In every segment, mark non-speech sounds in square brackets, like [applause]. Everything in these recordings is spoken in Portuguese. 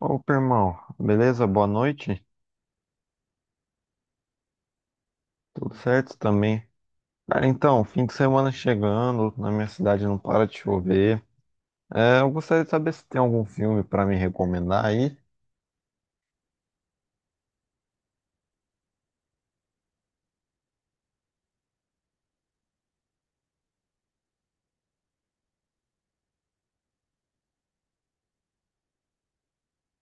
Opa, irmão, beleza? Boa noite. Tudo certo também. Cara, então, fim de semana chegando, na minha cidade não para de chover. É, eu gostaria de saber se tem algum filme pra me recomendar aí.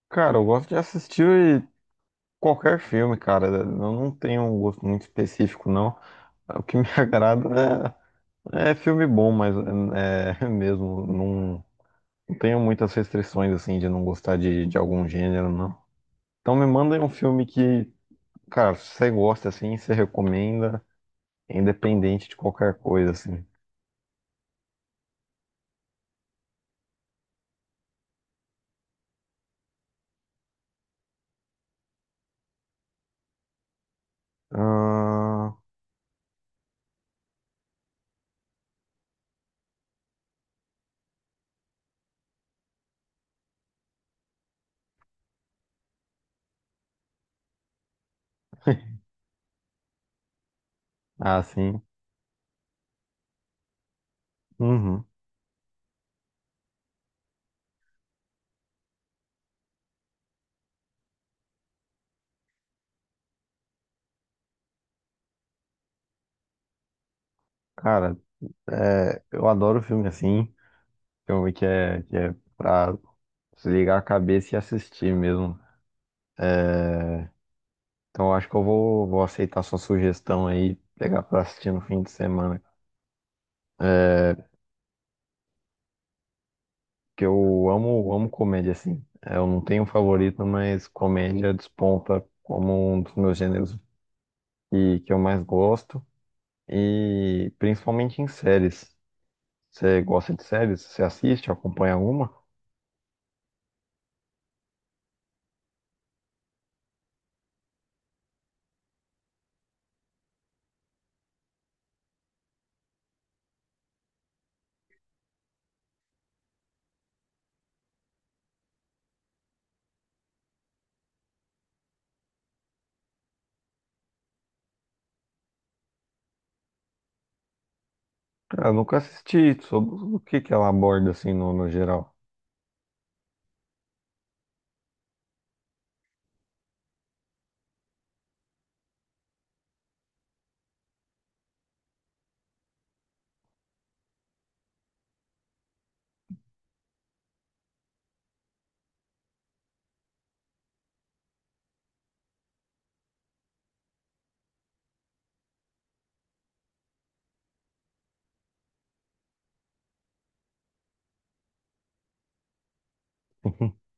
Cara, eu gosto de assistir qualquer filme, cara. Eu não tenho um gosto muito específico, não. O que me [laughs] agrada é filme bom, mas é mesmo, não tenho muitas restrições assim de não gostar de algum gênero, não. Então me mandem um filme que cara, se você gosta assim, você recomenda, é independente de qualquer coisa, assim. Ah, [laughs] ah, sim. Uhum. Cara, é, eu adoro filme assim. Filme que é pra desligar a cabeça e assistir mesmo. Então eu acho que eu vou aceitar sua sugestão aí, pegar pra assistir no fim de semana. Porque eu amo comédia, assim. É, eu não tenho um favorito, mas comédia desponta como um dos meus gêneros que eu mais gosto. E principalmente em séries. Você gosta de séries? Você assiste, acompanha alguma? Cara, eu nunca assisti. Sobre o que que ela aborda, assim, no, no geral. [laughs]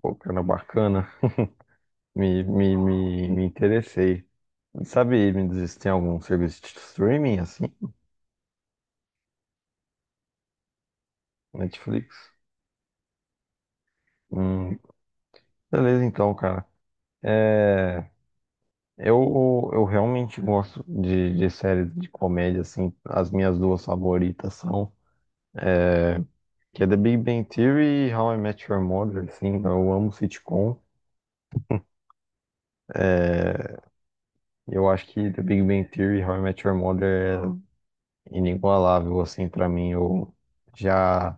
Pô, cara, bacana. Me interessei. Sabe, me diz se tem algum serviço de streaming, assim? Netflix? Hum, beleza, então, cara. É, eu realmente gosto de séries de comédia, assim. As minhas duas favoritas são, que é The Big Bang Theory e How I Met Your Mother, assim, eu amo sitcom. É, eu acho que The Big Bang Theory e How I Met Your Mother é inigualável, assim, pra mim. Eu já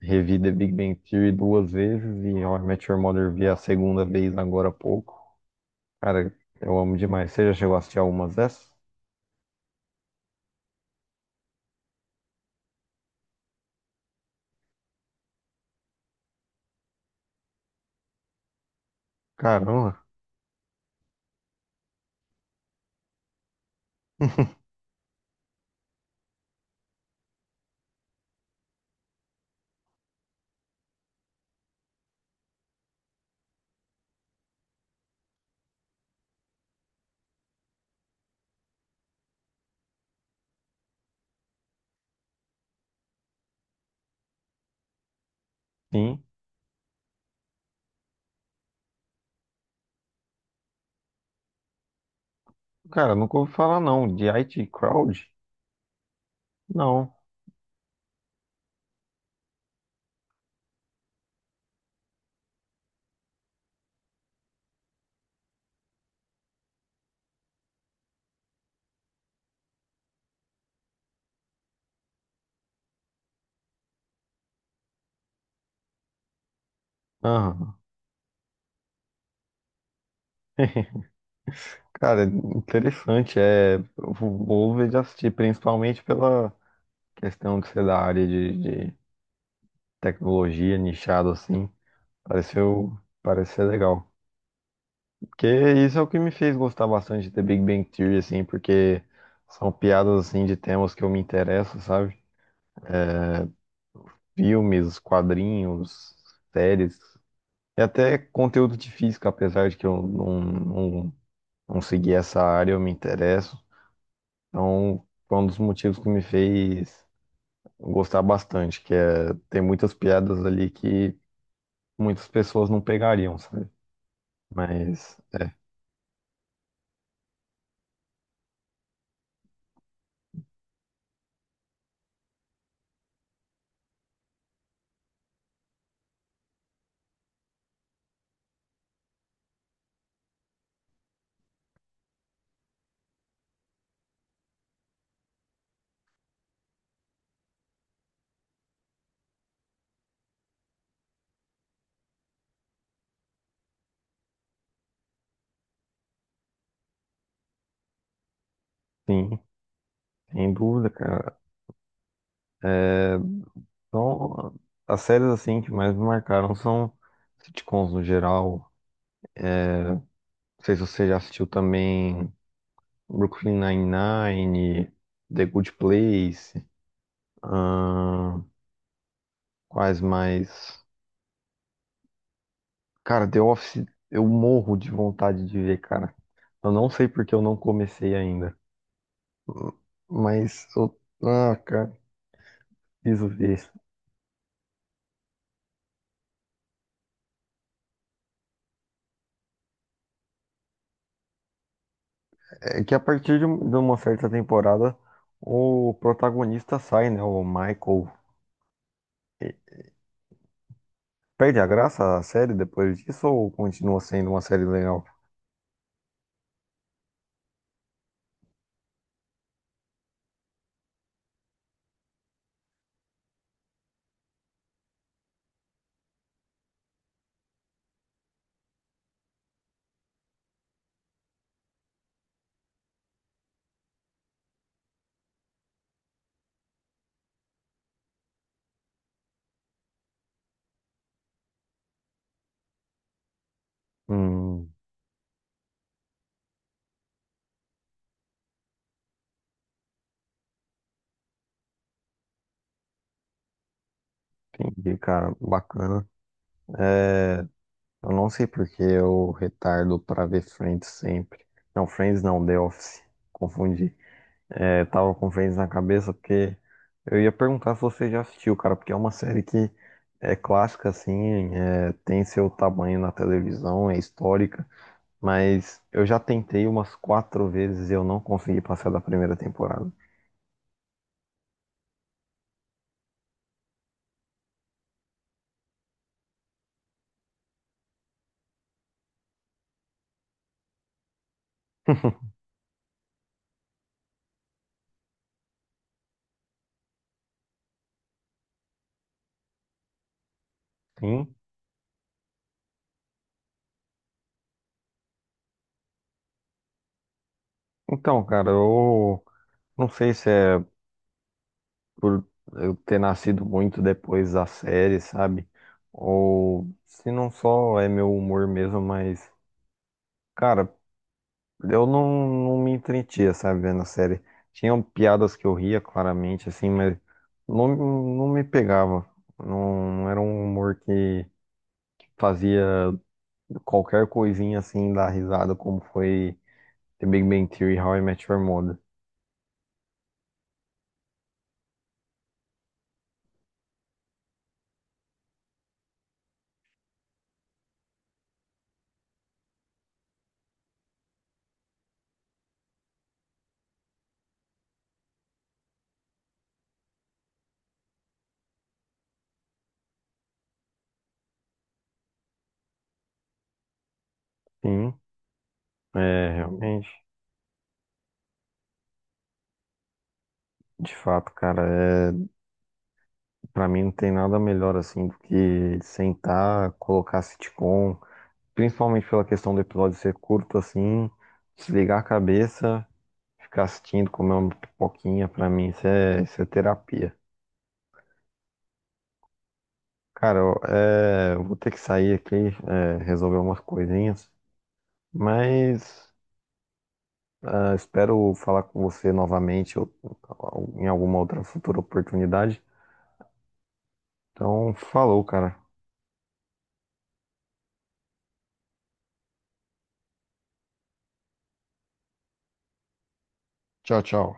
revi The Big Bang Theory duas vezes e How I Met Your Mother vi a segunda vez agora há pouco. Cara, eu amo demais. Você já chegou a assistir algumas dessas? Caramba, [laughs] sim. Cara, nunca ouvi falar, não. De IT Crowd? Não. Aham. [laughs] Cara, interessante. É, eu vou ver de assistir, principalmente pela questão de ser da área de tecnologia, nichado assim. Pareceu, parece ser legal. Porque isso é o que me fez gostar bastante de The Big Bang Theory, assim, porque são piadas assim de temas que eu me interesso, sabe? Filmes, quadrinhos, séries, e até conteúdo de física, apesar de que eu não segui essa área, eu me interesso. Então, foi um dos motivos que me fez gostar bastante, que é, tem muitas piadas ali que muitas pessoas não pegariam, sabe? Mas, é, sim, sem dúvida, cara. Então, as séries, assim, que mais me marcaram são sitcoms no geral. Não sei se você já assistiu também Brooklyn Nine-Nine, The Good Place, ahn, quais mais? Cara, The Office, eu morro de vontade de ver, cara. Eu não sei porque eu não comecei ainda, mas eu... Ah, isso. É que a partir de, de uma certa temporada, o protagonista sai, né? O Michael. E perde a graça a série depois disso ou continua sendo uma série legal? Hum, entendi, cara. Bacana. Eu não sei porque eu retardo pra ver Friends sempre. Não, Friends não, The Office. Confundi. É, tava com Friends na cabeça porque eu ia perguntar se você já assistiu, cara, porque é uma série que é clássica, assim, é, tem seu tamanho na televisão, é histórica. Mas eu já tentei umas quatro vezes e eu não consegui passar da primeira temporada. [laughs] Sim. Então, cara, eu não sei se é por eu ter nascido muito depois da série, sabe? Ou se não só é meu humor mesmo, mas, cara, eu não me entretia, sabe, vendo a série. Tinham piadas que eu ria claramente, assim, mas não me pegava. Não era um humor que fazia qualquer coisinha assim dá risada, como foi The Big Bang Theory, How I Met Your Mother. Sim, é, realmente. De fato, cara, é, pra mim não tem nada melhor assim do que sentar, colocar sitcom, principalmente pela questão do episódio ser curto assim, desligar a cabeça, ficar assistindo, comer uma pipoquinha, pra mim isso é terapia. Cara, eu, é, eu vou ter que sair aqui, é, resolver umas coisinhas, mas ah, espero falar com você novamente ou em alguma outra futura oportunidade. Então, falou, cara. Tchau, tchau.